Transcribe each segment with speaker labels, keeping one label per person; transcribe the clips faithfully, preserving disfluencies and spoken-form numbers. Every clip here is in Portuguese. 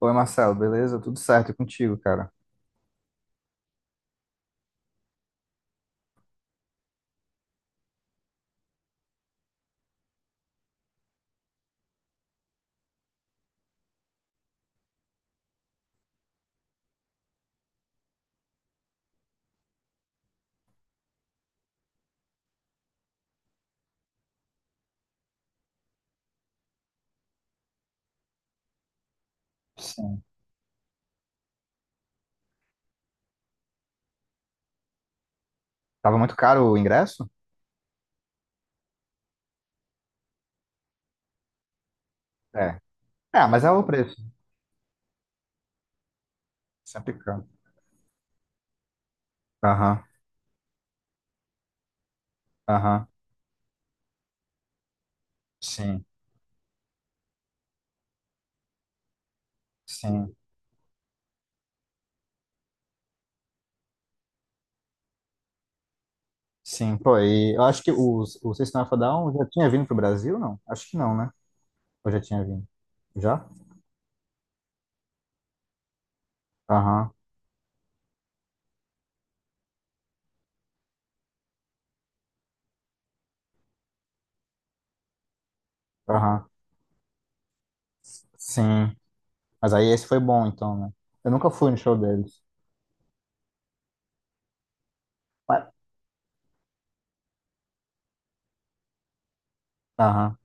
Speaker 1: Oi, Marcelo, beleza? Tudo certo e contigo, cara? Sim. Tava muito caro o ingresso? É. É, mas é o preço. Sempre caro. Aham, aham. Sim, sim, sim. Pô, e eu acho que os, o System of a Down já tinha vindo pro Brasil, não? Acho que não, né? Ou já tinha vindo? Já? Aham, aham. Sim. Mas aí esse foi bom, então, né? Eu nunca fui no show deles. Mas- Aham,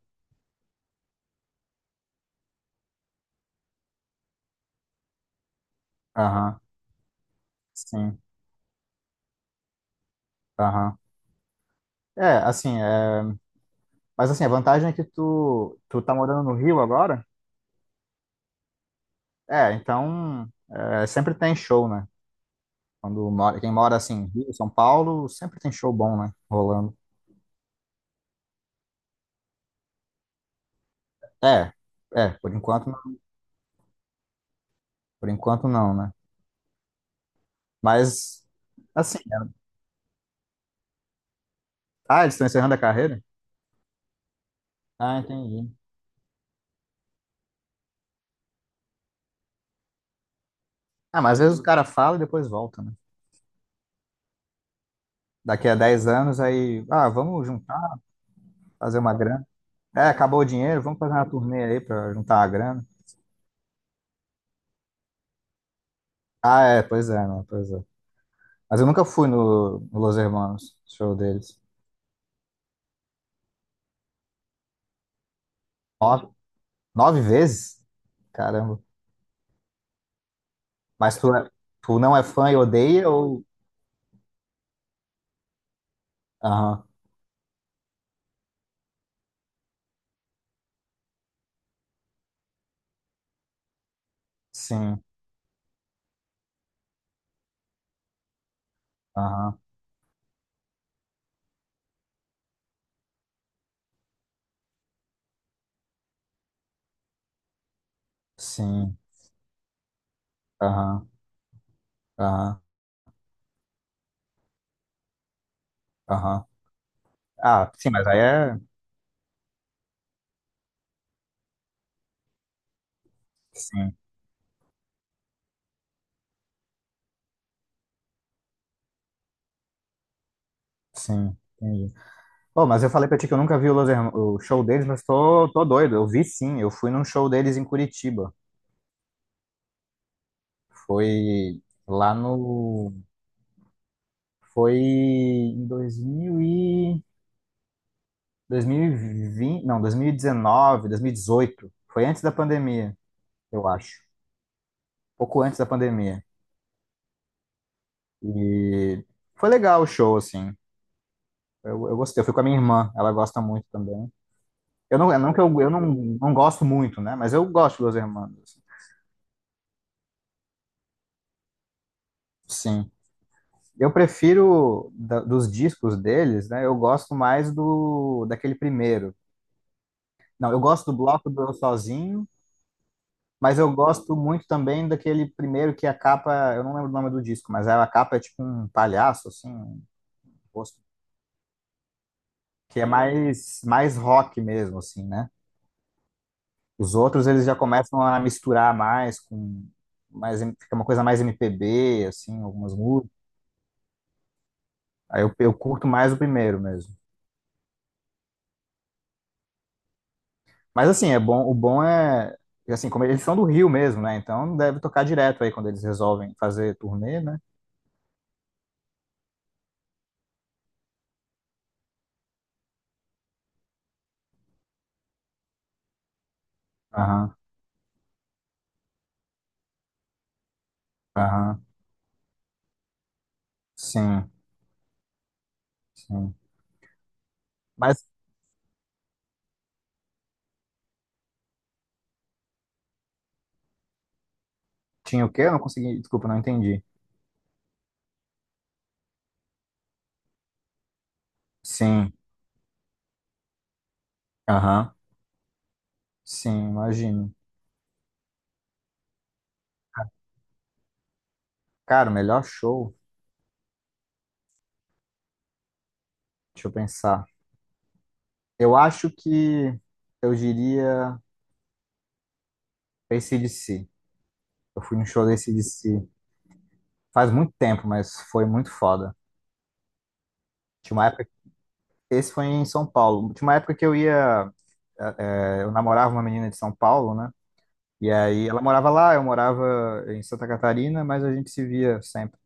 Speaker 1: aham, sim, aham. É, assim, é... mas assim, a vantagem é que tu, tu tá morando no Rio agora, é, então é, sempre tem show, né? Quando mora, quem mora assim, Rio, São Paulo, sempre tem show bom, né? Rolando. É, é, por enquanto, não- por enquanto não, né? Mas, assim, é... ah, eles estão encerrando a carreira? Ah, entendi. Ah, mas às vezes o cara fala e depois volta, né? Daqui a dez anos aí, ah, vamos juntar, fazer uma grana. É, acabou o dinheiro, vamos fazer uma turnê aí pra juntar a grana. Ah, é, pois é, né? Pois é. Mas eu nunca fui no, no Los Hermanos, show deles. Nove, nove vezes? Caramba. Mas tu, é- tu não é fã e odeia, ou? Aham, sim, aham, sim, aham, aham, aham. Ah, sim, mas aí é. Sim, sim, entendi. Pô, mas eu falei pra ti que eu nunca vi o, Los Herma- o show deles, mas tô, tô doido. Eu vi, sim, eu fui num show deles em Curitiba. Foi lá no. Foi em dois mil e... dois mil e vinte, não, dois dois mil mil e dezenove, dois mil e dezoito. Foi antes da pandemia, eu acho. Pouco antes da pandemia. E foi legal o show, assim. Eu, eu gostei. Eu fui com a minha irmã, ela gosta muito também. Eu não, não que eu, eu não, não gosto muito, né? Mas eu gosto dos Hermanos, assim. Sim. Eu prefiro da- dos discos deles, né? Eu gosto mais do daquele primeiro. Não, eu gosto do bloco do Eu Sozinho. Mas eu gosto muito também daquele primeiro, que a capa, eu não lembro o nome do disco, mas a capa é tipo um palhaço, assim, um rosto, que é mais, mais rock mesmo, assim, né? Os outros eles já começam a misturar mais com mais, fica uma coisa mais M P B, assim, algumas músicas. Aí eu, eu curto mais o primeiro mesmo. Mas assim, é bom, o bom é, assim, como eles são do Rio mesmo, né? Então deve tocar direto aí quando eles resolvem fazer turnê, né? Aham, aham, sim, sim. Mas tinha o quê? Eu não consegui. Desculpa, não entendi. Sim, aham. Sim, imagino. Cara, o melhor show, deixa eu pensar. Eu acho que eu diria A C D C. Eu fui no show da A C D C faz muito tempo, mas foi muito foda. Tinha uma época, esse foi em São Paulo. Tinha uma época que eu ia, é, é, eu namorava uma menina de São Paulo, né? E aí ela morava lá, eu morava em Santa Catarina, mas a gente se via sempre.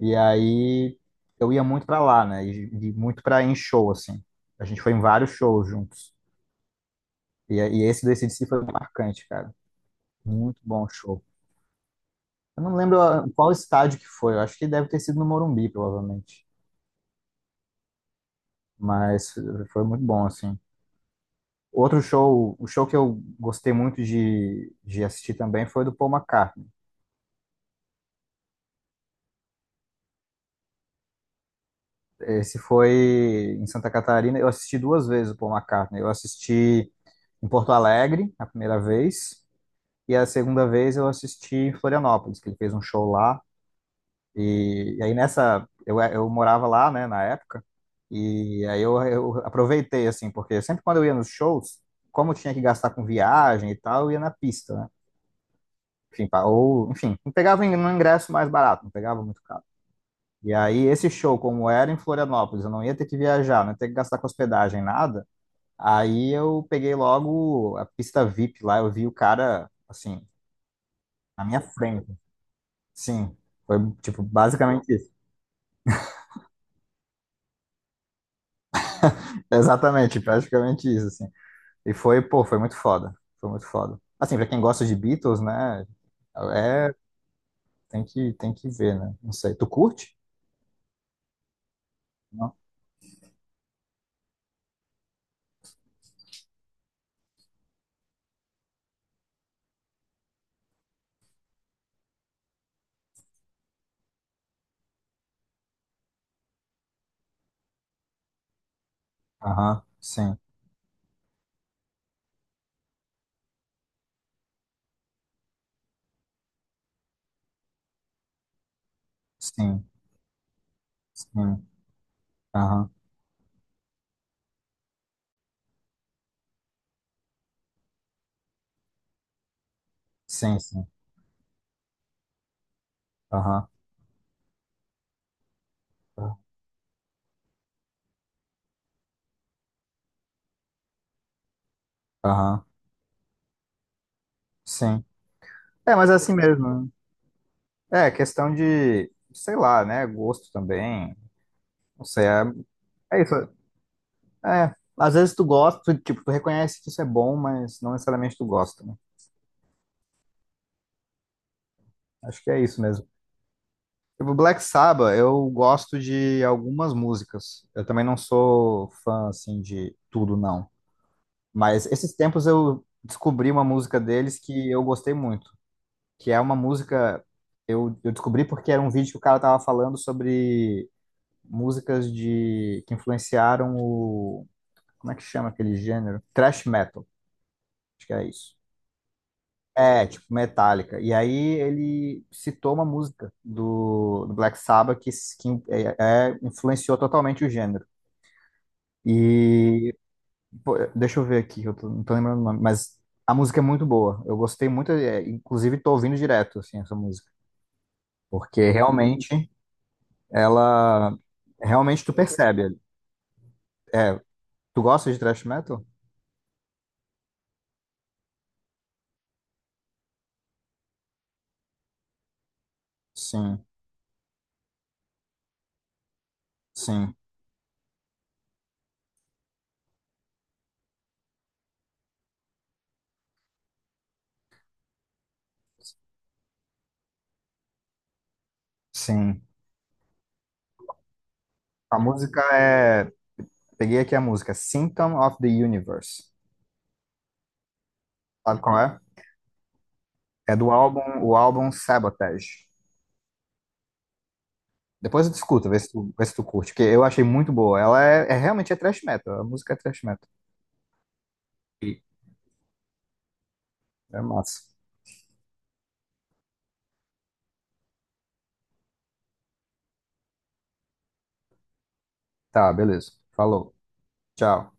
Speaker 1: E aí eu, ia muito pra lá, né? E, e muito pra em show, assim. A gente foi em vários shows juntos. E, e esse do A C D C foi marcante, cara. Muito bom show. Eu não lembro ah, qual estádio que foi. Eu acho que deve ter sido no Morumbi, provavelmente. Mas foi muito bom, assim. Outro show, o show que eu gostei muito de, de assistir também foi do Paul McCartney. Esse foi em Santa Catarina. Eu assisti duas vezes o Paul McCartney. Eu assisti em Porto Alegre, a primeira vez. E a segunda vez eu assisti em Florianópolis, que ele fez um show lá. E, e aí nessa, eu, eu morava lá, né, na época. E aí eu, eu aproveitei, assim, porque sempre quando eu ia nos shows, como eu tinha que gastar com viagem e tal, eu ia na pista, né? Enfim, pa- ou, enfim, não pegava um ingresso mais barato, não pegava muito caro. E aí esse show, como era em Florianópolis, eu não ia ter que viajar, não ia ter que gastar com hospedagem, nada. Aí eu peguei logo a pista V I P lá, eu vi o cara, assim, na minha frente. Sim, foi tipo basicamente isso. Exatamente, praticamente isso, assim. E foi, pô, foi muito foda. Foi muito foda. Assim, pra quem gosta de Beatles, né, é, tem que tem que ver, né? Não sei. Tu curte? Não? Aham. Sim. Sim. Sim. Aham. Sim, sim. Aham. Aham. Sim. É, mas é assim mesmo, né? É, questão de, sei lá, né, gosto também. Não sei, é, é isso. É, às vezes tu gosta, tu, tipo, tu reconhece que isso é bom, mas não necessariamente tu gosta. Acho que é isso mesmo. O Black Sabbath, eu gosto de algumas músicas. Eu também não sou fã, assim, de tudo, não. Mas esses tempos eu descobri uma música deles que eu gostei muito. Que é uma música. Eu, eu descobri porque era um vídeo que o cara tava falando sobre músicas de que influenciaram o. Como é que chama aquele gênero? Thrash metal. Acho que é isso. É, tipo Metallica. E aí ele citou uma música do, do Black Sabbath que, s- que é, é, influenciou totalmente o gênero. E pô, deixa eu ver aqui, eu tô- não tô lembrando o nome, mas a música é muito boa. Eu gostei muito, é, inclusive tô ouvindo direto assim essa música, porque realmente ela realmente tu percebe. É, tu gosta de thrash metal? Sim, sim, sim. A música é, peguei aqui a música, Symptom of the Universe. Sabe qual é? É do álbum, o álbum Sabotage. Depois eu discuto, vê se tu, vê se tu curte, porque eu achei muito boa. Ela é, é realmente é thrash metal, a música é thrash metal. E é massa. Tá, beleza. Falou. Tchau.